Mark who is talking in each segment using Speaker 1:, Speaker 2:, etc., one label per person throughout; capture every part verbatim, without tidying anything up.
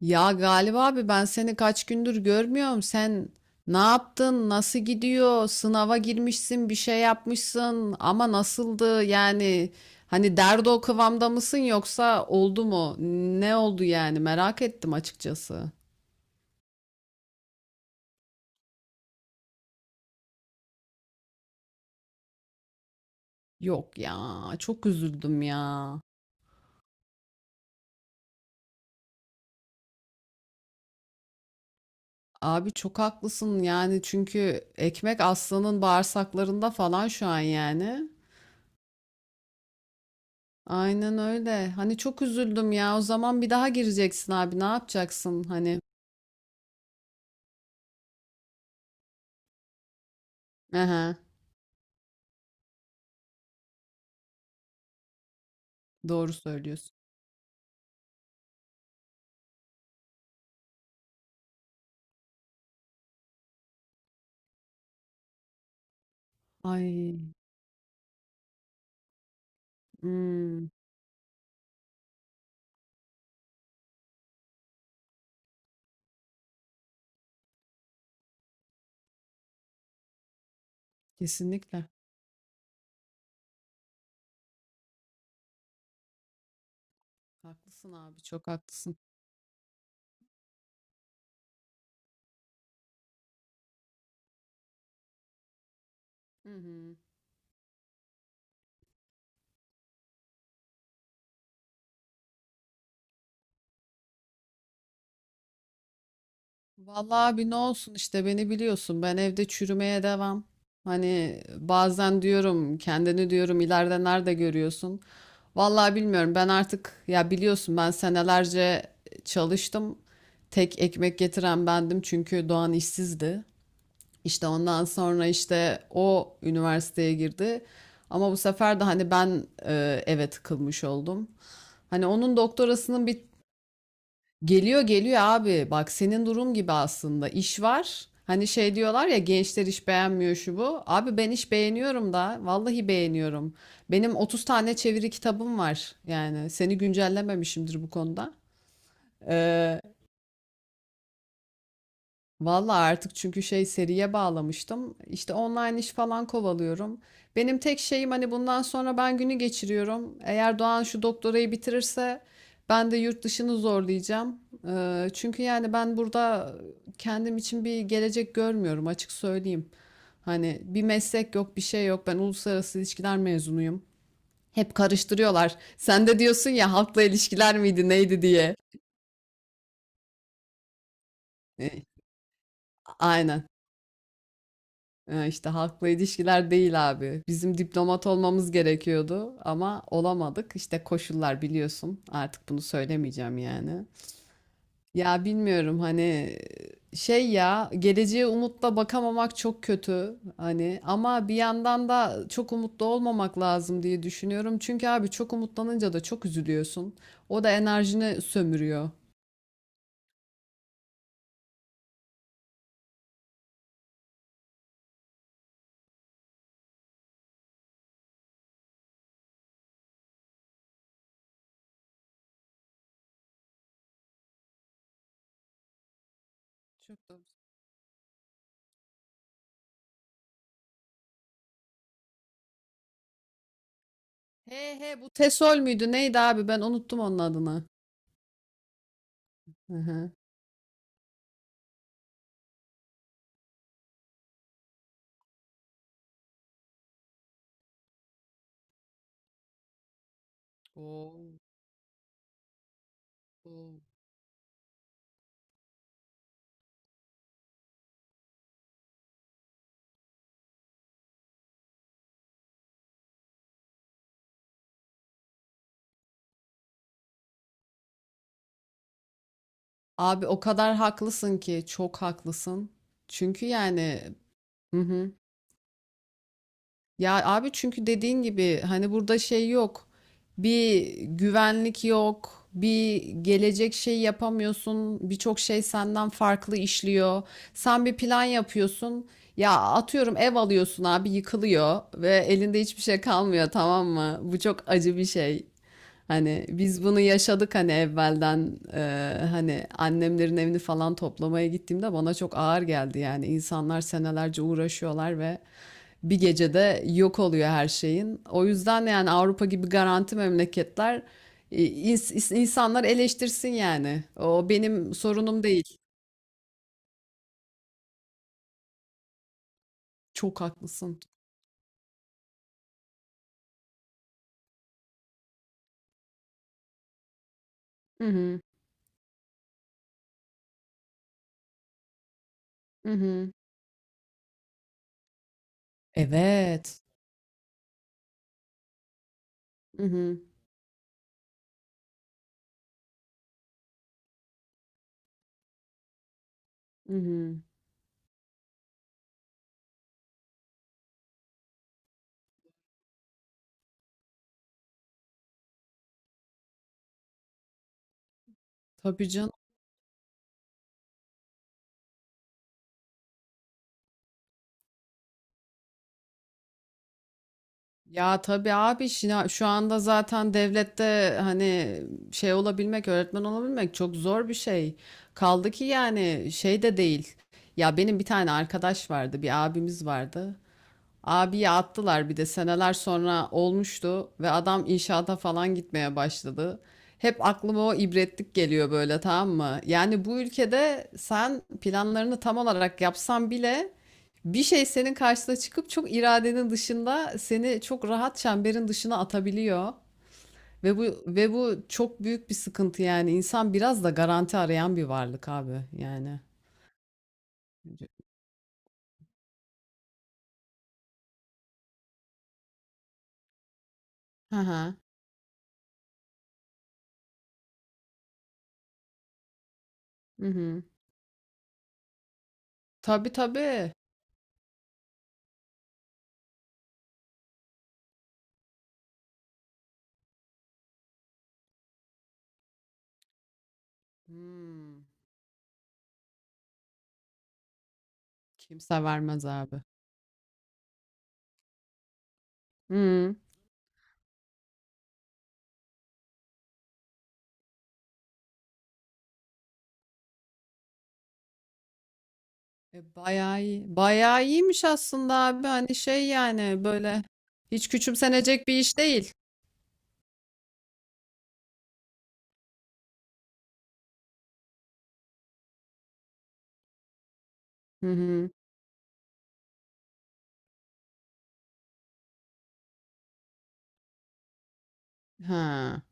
Speaker 1: Ya galiba abi ben seni kaç gündür görmüyorum. Sen ne yaptın? Nasıl gidiyor? Sınava girmişsin, bir şey yapmışsın ama nasıldı? Yani hani derdi o kıvamda mısın yoksa oldu mu? Ne oldu yani? Merak ettim açıkçası. Yok ya, çok üzüldüm ya. Abi çok haklısın yani çünkü ekmek aslanın bağırsaklarında falan şu an yani. Aynen öyle. Hani çok üzüldüm ya. O zaman bir daha gireceksin abi. Ne yapacaksın? Hani. Hı. Doğru söylüyorsun. Ay, ımm, kesinlikle. Haklısın abi, çok haklısın. Hı hı. Vallahi abi ne olsun işte beni biliyorsun. Ben evde çürümeye devam. Hani bazen diyorum kendini diyorum ileride nerede görüyorsun? Vallahi bilmiyorum. Ben artık ya biliyorsun ben senelerce çalıştım. Tek ekmek getiren bendim çünkü Doğan işsizdi. İşte ondan sonra işte o üniversiteye girdi. Ama bu sefer de hani ben e, eve tıkılmış oldum. Hani onun doktorasının bir. Geliyor, geliyor abi. Bak senin durum gibi aslında iş var. Hani şey diyorlar ya gençler iş beğenmiyor şu bu. Abi ben iş beğeniyorum da vallahi beğeniyorum. Benim otuz tane çeviri kitabım var. Yani seni güncellememişimdir bu konuda. Ee, Vallahi artık çünkü şey seriye bağlamıştım. İşte online iş falan kovalıyorum. Benim tek şeyim hani bundan sonra ben günü geçiriyorum. Eğer Doğan şu doktorayı bitirirse ben de yurt dışını zorlayacağım. Ee, çünkü yani ben burada kendim için bir gelecek görmüyorum açık söyleyeyim. Hani bir meslek yok, bir şey yok. Ben uluslararası ilişkiler mezunuyum. Hep karıştırıyorlar. Sen de diyorsun ya halkla ilişkiler miydi, neydi diye. E, Aynen. Ee, İşte halkla ilişkiler değil abi. Bizim diplomat olmamız gerekiyordu ama olamadık. İşte koşullar biliyorsun. Artık bunu söylemeyeceğim yani. Ya bilmiyorum hani şey ya geleceğe umutla bakamamak çok kötü hani ama bir yandan da çok umutlu olmamak lazım diye düşünüyorum. Çünkü abi çok umutlanınca da çok üzülüyorsun. O da enerjini sömürüyor. Çok doğru. He he, bu TESOL müydü? Neydi abi? Ben unuttum onun adını. Hı hı. Oo, oo. Abi o kadar haklısın ki çok haklısın. Çünkü yani. Hı hı. Ya abi çünkü dediğin gibi hani burada şey yok. Bir güvenlik yok. Bir gelecek şey yapamıyorsun. Birçok şey senden farklı işliyor. Sen bir plan yapıyorsun. Ya atıyorum ev alıyorsun abi yıkılıyor ve elinde hiçbir şey kalmıyor, tamam mı? Bu çok acı bir şey. Hani biz bunu yaşadık, hani evvelden eee, hani annemlerin evini falan toplamaya gittiğimde bana çok ağır geldi, yani insanlar senelerce uğraşıyorlar ve bir gecede yok oluyor her şeyin. O yüzden yani Avrupa gibi garanti memleketler e, ins- insanlar eleştirsin yani. O benim sorunum değil. Çok haklısın. Hı hı, hı hı. Evet. Hı hı, hı hı. Tabii. Ya tabii abi, şina- şu anda zaten devlette hani şey olabilmek, öğretmen olabilmek çok zor bir şey. Kaldı ki yani şey de değil. Ya benim bir tane arkadaş vardı, bir abimiz vardı. Abiye attılar, bir de seneler sonra olmuştu ve adam inşaata falan gitmeye başladı. Hep aklıma o ibretlik geliyor böyle, tamam mı? Yani bu ülkede sen planlarını tam olarak yapsan bile bir şey senin karşına çıkıp çok iradenin dışında seni çok rahat çemberin dışına atabiliyor. Ve bu ve bu çok büyük bir sıkıntı yani. İnsan biraz da garanti arayan bir varlık abi yani. Hı hı. Hı hı. Tabii tabii. Hmm. Kimse vermez abi. Hı. E, bayağı iyi. Bayağı iyiymiş aslında abi. Hani şey yani böyle hiç küçümsenecek bir iş değil. Hı hı. Ha.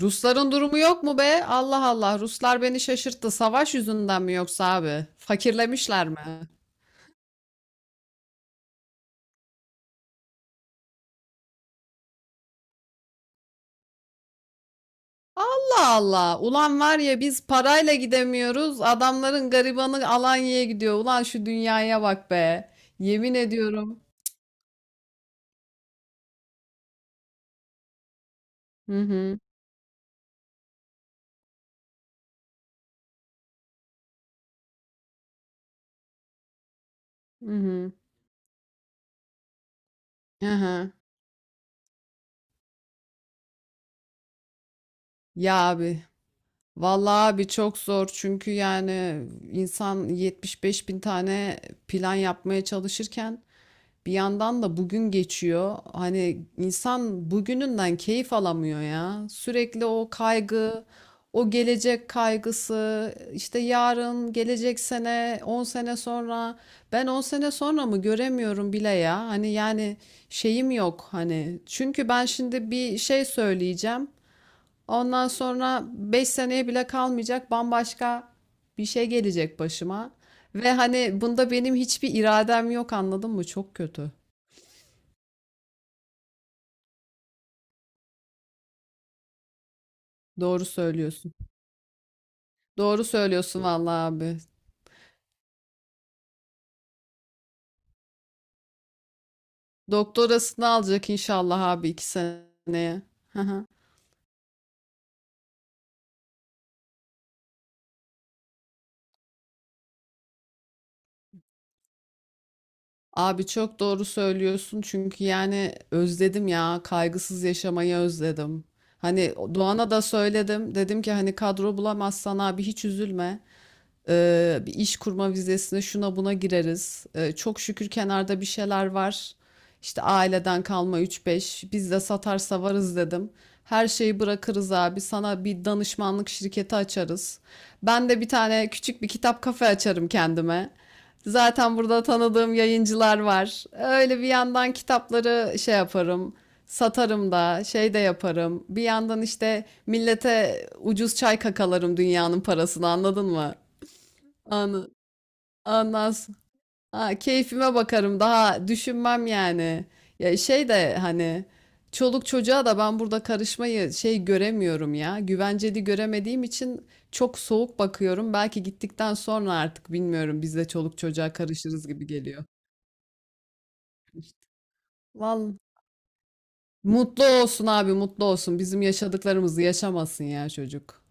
Speaker 1: Rusların durumu yok mu be? Allah Allah. Ruslar beni şaşırttı. Savaş yüzünden mi yoksa abi? Fakirlemişler mi? Allah Allah. Ulan var ya, biz parayla gidemiyoruz. Adamların garibanı Alanya'ya gidiyor. Ulan şu dünyaya bak be. Yemin ediyorum. Hı hı. Hı hı. Aha. Ya abi, vallahi abi çok zor çünkü yani insan yetmiş beş bin tane plan yapmaya çalışırken bir yandan da bugün geçiyor. Hani insan bugününden keyif alamıyor ya. Sürekli o kaygı, o gelecek kaygısı, işte yarın, gelecek sene, on sene sonra. Ben on sene sonra mı göremiyorum bile ya. Hani yani şeyim yok hani. Çünkü ben şimdi bir şey söyleyeceğim. Ondan sonra beş seneye bile kalmayacak bambaşka bir şey gelecek başıma. Ve hani bunda benim hiçbir iradem yok, anladın mı? Çok kötü. Doğru söylüyorsun. Doğru söylüyorsun vallahi abi. Doktorasını alacak inşallah abi, iki seneye. Hı hı. Abi çok doğru söylüyorsun çünkü yani özledim ya, kaygısız yaşamayı özledim. Hani Doğan'a da söyledim, dedim ki hani kadro bulamazsan abi hiç üzülme. Ee, bir iş kurma vizesine şuna buna gireriz. Ee, çok şükür kenarda bir şeyler var. İşte aileden kalma üç beş, biz de satarsa varız dedim. Her şeyi bırakırız abi, sana bir danışmanlık şirketi açarız. Ben de bir tane küçük bir kitap kafe açarım kendime. Zaten burada tanıdığım yayıncılar var. Öyle bir yandan kitapları şey yaparım, satarım da, şey de yaparım. Bir yandan işte millete ucuz çay kakalarım dünyanın parasını, anladın mı? Anı, anlas. Ha, keyfime bakarım, daha düşünmem yani. Ya şey de hani çoluk çocuğa da ben burada karışmayı şey göremiyorum ya. Güvenceli göremediğim için çok soğuk bakıyorum. Belki gittikten sonra artık bilmiyorum, biz de çoluk çocuğa karışırız gibi geliyor. Vallahi mutlu olsun abi, mutlu olsun. Bizim yaşadıklarımızı yaşamasın ya çocuk.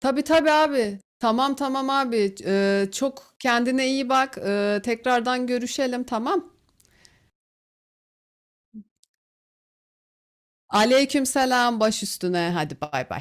Speaker 1: Tabii tabii abi. Tamam tamam abi. Ee, çok kendine iyi bak. Ee, tekrardan görüşelim, tamam. Aleykümselam, baş üstüne. Hadi bay bay.